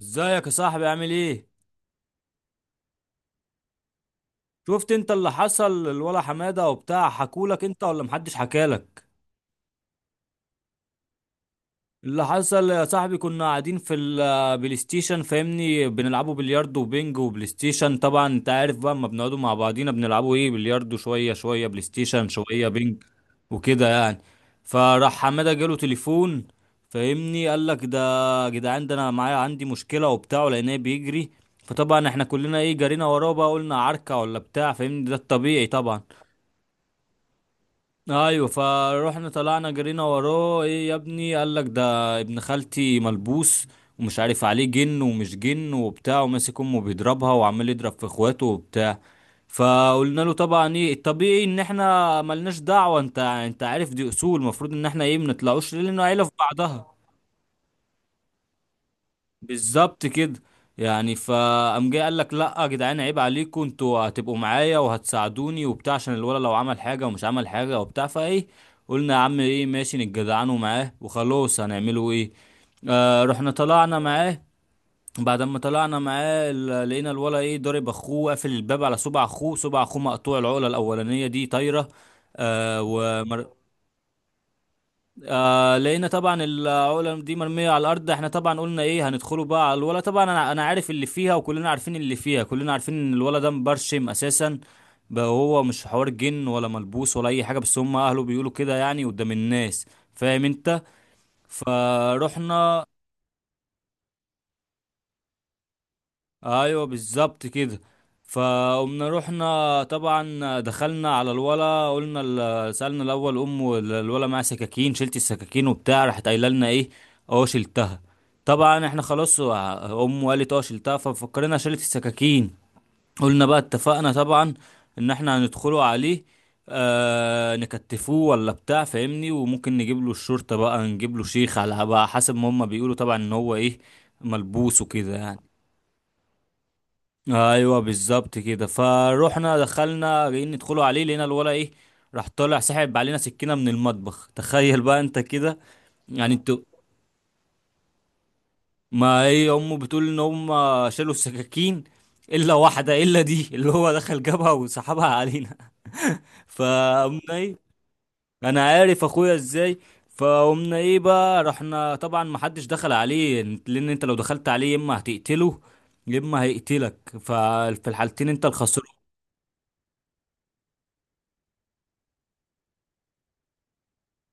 ازيك يا صاحبي؟ عامل ايه؟ شفت انت اللي حصل الولا حمادة وبتاع؟ حكولك انت ولا محدش حكالك؟ اللي حصل يا صاحبي، كنا قاعدين في البلاي ستيشن، فاهمني، بنلعبوا بلياردو وبينج وبلاي ستيشن، طبعا انت عارف بقى، اما بنقعدوا مع بعضينا بنلعبوا ايه، بلياردو شويه، شويه بلاي ستيشن، شويه بينج وكده يعني. فراح حماده جاله تليفون، فاهمني، قال لك ده: يا جدعان ده انا معايا عندي مشكله وبتاع، لان هي بيجري. فطبعا احنا كلنا ايه، جرينا وراه بقى، قلنا عركه ولا بتاع فاهمني، ده الطبيعي طبعا. ايوه، فروحنا طلعنا جرينا وراه، ايه يا ابني؟ قال لك ده ابن خالتي ملبوس، ومش عارف عليه جن ومش جن وبتاع، وماسك امه بيضربها وعمال يضرب في اخواته وبتاع. فقلنا له طبعا ايه الطبيعي، ان احنا ملناش دعوة، انت عارف دي اصول، المفروض ان احنا ايه منطلعوش لان عيلة في بعضها. بالظبط كده يعني. فقام جاي قال لك: لا يا جدعان، عيب عليكم، انتوا هتبقوا معايا وهتساعدوني وبتاع، عشان الولد لو عمل حاجه ومش عمل حاجه وبتاع فايه. قلنا يا عم ايه، ماشي نتجدعنوا معاه وخلاص، هنعمله ايه. آه، رحنا طلعنا معاه. بعد ما طلعنا معاه، لقينا الولا ايه، ضارب اخوه، قافل الباب على صبع اخوه، صبع اخوه مقطوع، العقله الاولانيه دي طايره. آه. آه، لقينا طبعا العقله دي مرميه على الارض. احنا طبعا قلنا ايه، هندخله بقى على الولا، طبعا انا عارف اللي فيها، وكلنا عارفين اللي فيها، كلنا عارفين ان الولا ده مبرشم اساسا. بقى هو مش حوار جن ولا ملبوس ولا اي حاجه، بس هم اهله بيقولوا كده يعني قدام الناس. فاهم انت. فروحنا. ايوه بالظبط كده. فقمنا رحنا طبعا دخلنا على الولا، قلنا سألنا الاول ام الولا، معاها سكاكين، شلت السكاكين وبتاع؟ راحت قايله لنا ايه: اه شلتها. طبعا احنا خلاص، امه قالت اه شلتها، ففكرنا شلت السكاكين. قلنا بقى اتفقنا طبعا ان احنا هندخله عليه، آه، نكتفوه ولا بتاع فاهمني، وممكن نجيب له الشرطة بقى، نجيب له شيخ، على بقى حسب ما هما بيقولوا طبعا ان هو ايه، ملبوس وكده يعني. ايوه بالظبط كده. فروحنا دخلنا جايين ندخلوا عليه، لقينا الولا ايه، راح طالع سحب علينا سكينه من المطبخ تخيل بقى انت كده. يعني انتوا، ما هي امه بتقول ان هم شالوا السكاكين، الا واحده، الا دي اللي هو دخل جابها وسحبها علينا فقمنا ايه. انا عارف اخويا ازاي. فقمنا ايه بقى، رحنا طبعا ما حدش دخل عليه، لان انت لو دخلت عليه يا اما هتقتله يا اما هيقتلك، ففي الحالتين انت الخسران.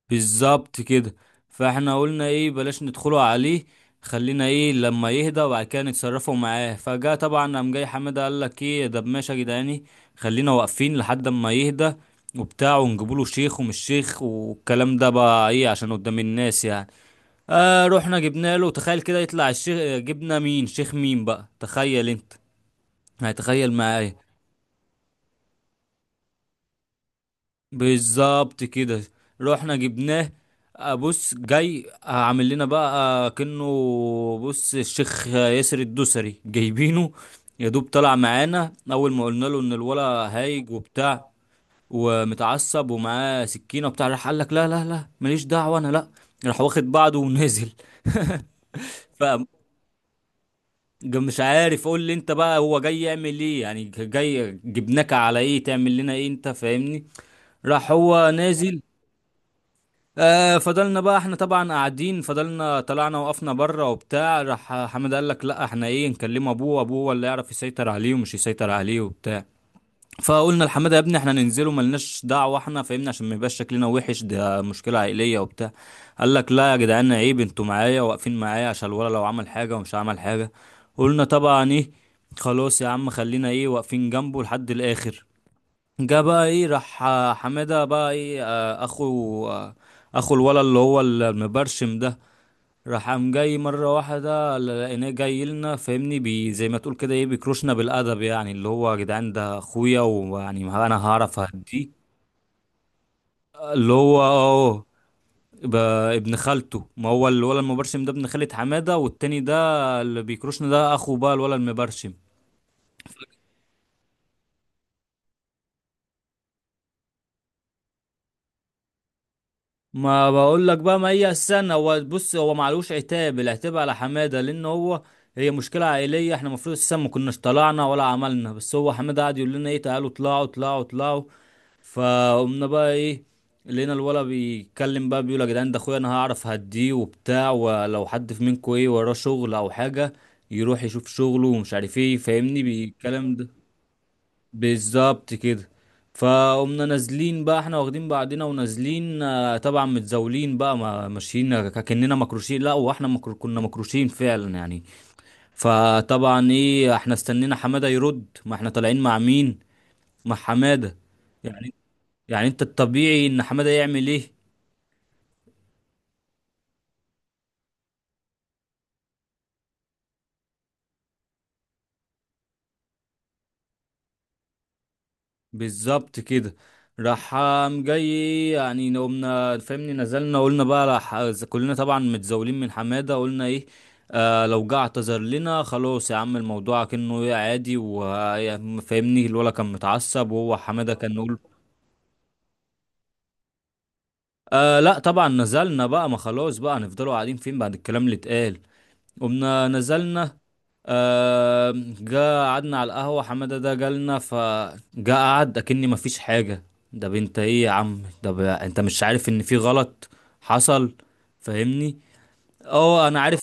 بالظبط كده. فاحنا قلنا ايه، بلاش ندخله عليه، خلينا ايه لما يهدى وبعد كده نتصرفوا معاه. فجاء طبعا قام جاي حماده، قال لك ايه ده؟ ماشي يا جدعاني، خلينا واقفين لحد ما يهدى وبتاع، ونجيبوله شيخ ومش شيخ والكلام ده بقى ايه عشان قدام الناس يعني. اه، رحنا جبنا له، تخيل كده يطلع الشيخ، جبنا مين، شيخ مين بقى، تخيل انت، هتخيل معايا. بالظبط كده، رحنا جبناه. بص جاي، عامل لنا بقى كأنه، بص الشيخ ياسر الدوسري جايبينه. يا دوب طلع معانا، اول ما قلنا له ان الولا هايج وبتاع ومتعصب ومعاه سكينه وبتاع، راح قال لك: لا لا لا، ماليش دعوه انا، لا. راح واخد بعضه ونازل. ف مش عارف، قول لي انت بقى، هو جاي يعمل ايه يعني؟ جاي جبناك على ايه؟ تعمل لنا ايه انت فاهمني؟ راح هو نازل. آه، فضلنا بقى احنا طبعا قاعدين، فضلنا طلعنا وقفنا بره وبتاع، راح حمد قال لك: لا احنا ايه، نكلم ابوه، ابوه هو اللي يعرف يسيطر عليه ومش يسيطر عليه وبتاع. فقلنا لحماده: يا ابني احنا ننزله، ملناش دعوه، احنا فاهمنا عشان ما يبقاش شكلنا وحش، ده مشكله عائليه وبتاع. قال لك: لا يا جدعان عيب، انتوا معايا واقفين معايا عشان الولا لو عمل حاجه ومش عمل حاجه. قلنا طبعا ايه، خلاص يا عم، خلينا ايه واقفين جنبه لحد الاخر. جه بقى ايه، راح حماده بقى ايه، اخو الولد اللي هو المبرشم ده، راح قام جاي مره واحده، لقيناه جاي لنا فاهمني، بي زي ما تقول كده ايه، بيكروشنا بالادب، يعني اللي هو يا جدعان ده اخويا ويعني ما انا هعرف اهديه. اللي هو اه، ب- ابن خالته، ما هو الولد المبرشم ده ابن خالة حماده، والتاني ده اللي بيكروشنا ده اخو بقى الولد المبرشم. ما بقول لك بقى، ما هي السنة، هو بص، هو معلوش، عتاب العتاب على حمادة لأن هو هي مشكلة عائلية، احنا المفروض السنة ما كناش طلعنا ولا عملنا، بس هو حمادة قعد يقول لنا ايه: تعالوا اطلعوا اطلعوا اطلعوا. فقمنا بقى ايه، لقينا الولا بيتكلم بقى بيقول: يا جدعان ده اخويا انا هعرف هديه وبتاع، ولو حد في منكم ايه وراه شغل او حاجة يروح يشوف شغله ومش عارف ايه فاهمني بالكلام ده. بالظبط كده. فقمنا نازلين بقى احنا واخدين بعضنا ونازلين، طبعا متزاولين بقى، ما ماشيين كأننا مكروشين، لا واحنا كنا مكروشين فعلا يعني. فطبعا ايه، احنا استنينا حمادة يرد، ما احنا طالعين مع مين؟ مع حمادة يعني. يعني انت الطبيعي ان حمادة يعمل ايه. بالظبط كده. راح قام جاي يعني، قمنا فاهمني نزلنا، قلنا بقى راح كلنا طبعا متزاولين من حمادة، قلنا ايه، آه لو جه اعتذر لنا خلاص يا عم الموضوع كأنه ايه عادي، وفاهمني الولا كان متعصب، وهو حمادة كان يقول. آه لا، طبعا نزلنا بقى، ما خلاص بقى هنفضلوا قاعدين فين بعد الكلام اللي اتقال؟ قمنا نزلنا. آه. جا قعدنا على القهوة، حمادة ده جالنا، فجا قعد أكني مفيش حاجة. ده بنت ايه يا عم، انت مش عارف ان في غلط حصل فاهمني؟ اه انا عارف.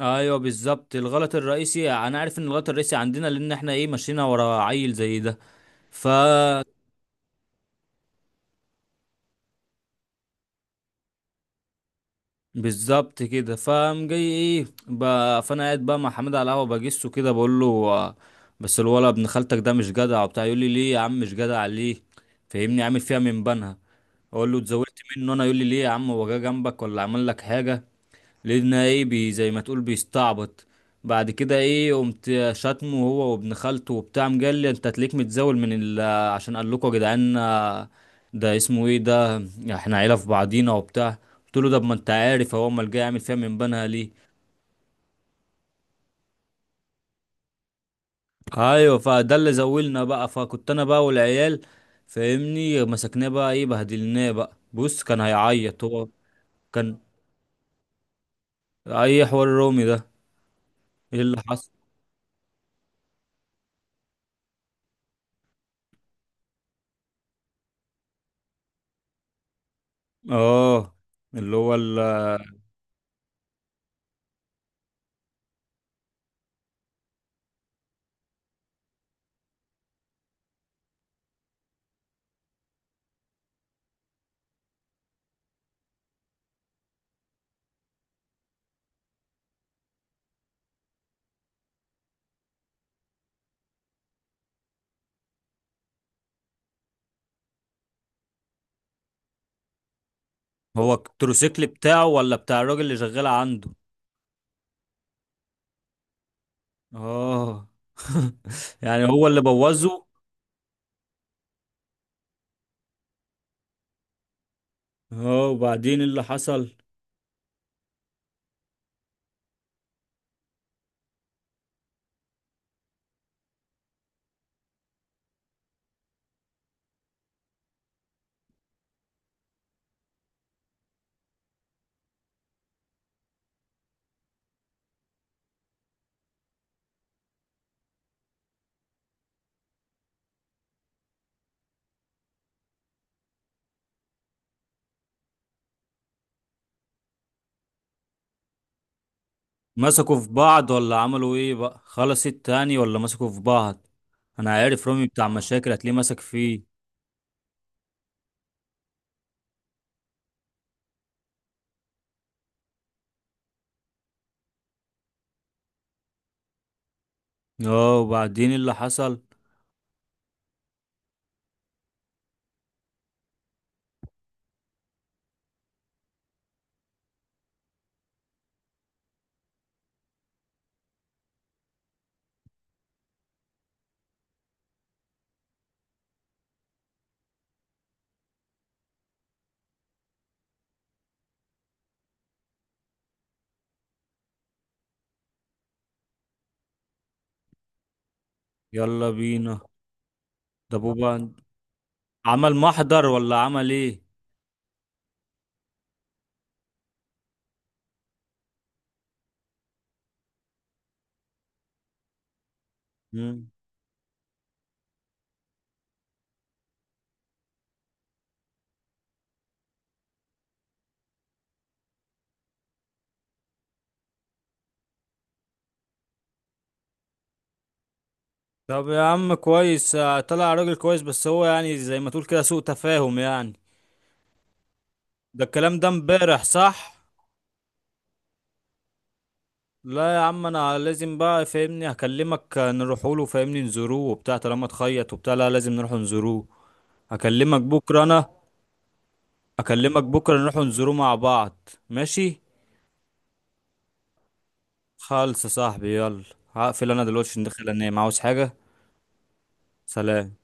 ايوه بالظبط، الغلط الرئيسي انا عارف ان الغلط الرئيسي عندنا لان احنا ايه مشينا ورا عيل زي ده. ف بالظبط كده. فقام جاي ايه بقى، فانا قاعد بقى مع حماد على القهوه بجسه كده، بقول له بس الولد ابن خالتك ده مش جدع وبتاع، يقول لي ليه يا عم مش جدع ليه فاهمني، عامل فيها من بنها. اقول له اتزوجت منه انا، يقول لي ليه يا عم هو جه جنبك ولا عمل لك حاجه؟ لقينا ايه، بي زي ما تقول بيستعبط. بعد كده ايه، قمت شاتمه هو وابن خالته وبتاع، مجلي انت تليك متزاول من ال، عشان قال لكم يا جدعان ده اسمه ايه ده، احنا عيله في بعضينا وبتاع. قلت له ده ما انت عارف هو امال جاي يعمل فيها من بنها ليه. ايوه، فده اللي زولنا بقى، فكنت انا بقى والعيال فاهمني، مسكناه بقى ايه، بهدلناه بقى، بص كان هيعيط هو، كان. اي حوار رومي ده؟ ايه اللي حصل؟ اه اللي هو ال، هو التروسيكل بتاعه ولا بتاع الراجل اللي شغال عنده؟ اه يعني هو اللي بوظه. اه، وبعدين إيه اللي حصل؟ مسكوا في بعض ولا عملوا ايه بقى، خلص التاني ولا مسكوا في بعض؟ انا عارف رامي بتاع مشاكل، هتلاقيه مسك فيه. اه، وبعدين إيه اللي حصل؟ يلا بينا. طب وبعد، عمل محضر ولا عمل ايه؟ مم. طب يا عم كويس، طلع راجل كويس، بس هو يعني زي ما تقول كده سوء تفاهم يعني. ده الكلام ده امبارح صح؟ لا يا عم، انا لازم بقى فاهمني هكلمك نروح له، فاهمني نزوروه وبتاع، طالما تخيط وبتاع لا لازم نروح نزوروه. هكلمك بكره انا. هكلمك بكره نروح نزوروه مع بعض، ماشي. خالص يا صاحبي، يلا. هقفل انا دلوقتي عشان داخل انام، عاوز حاجه؟ سلام.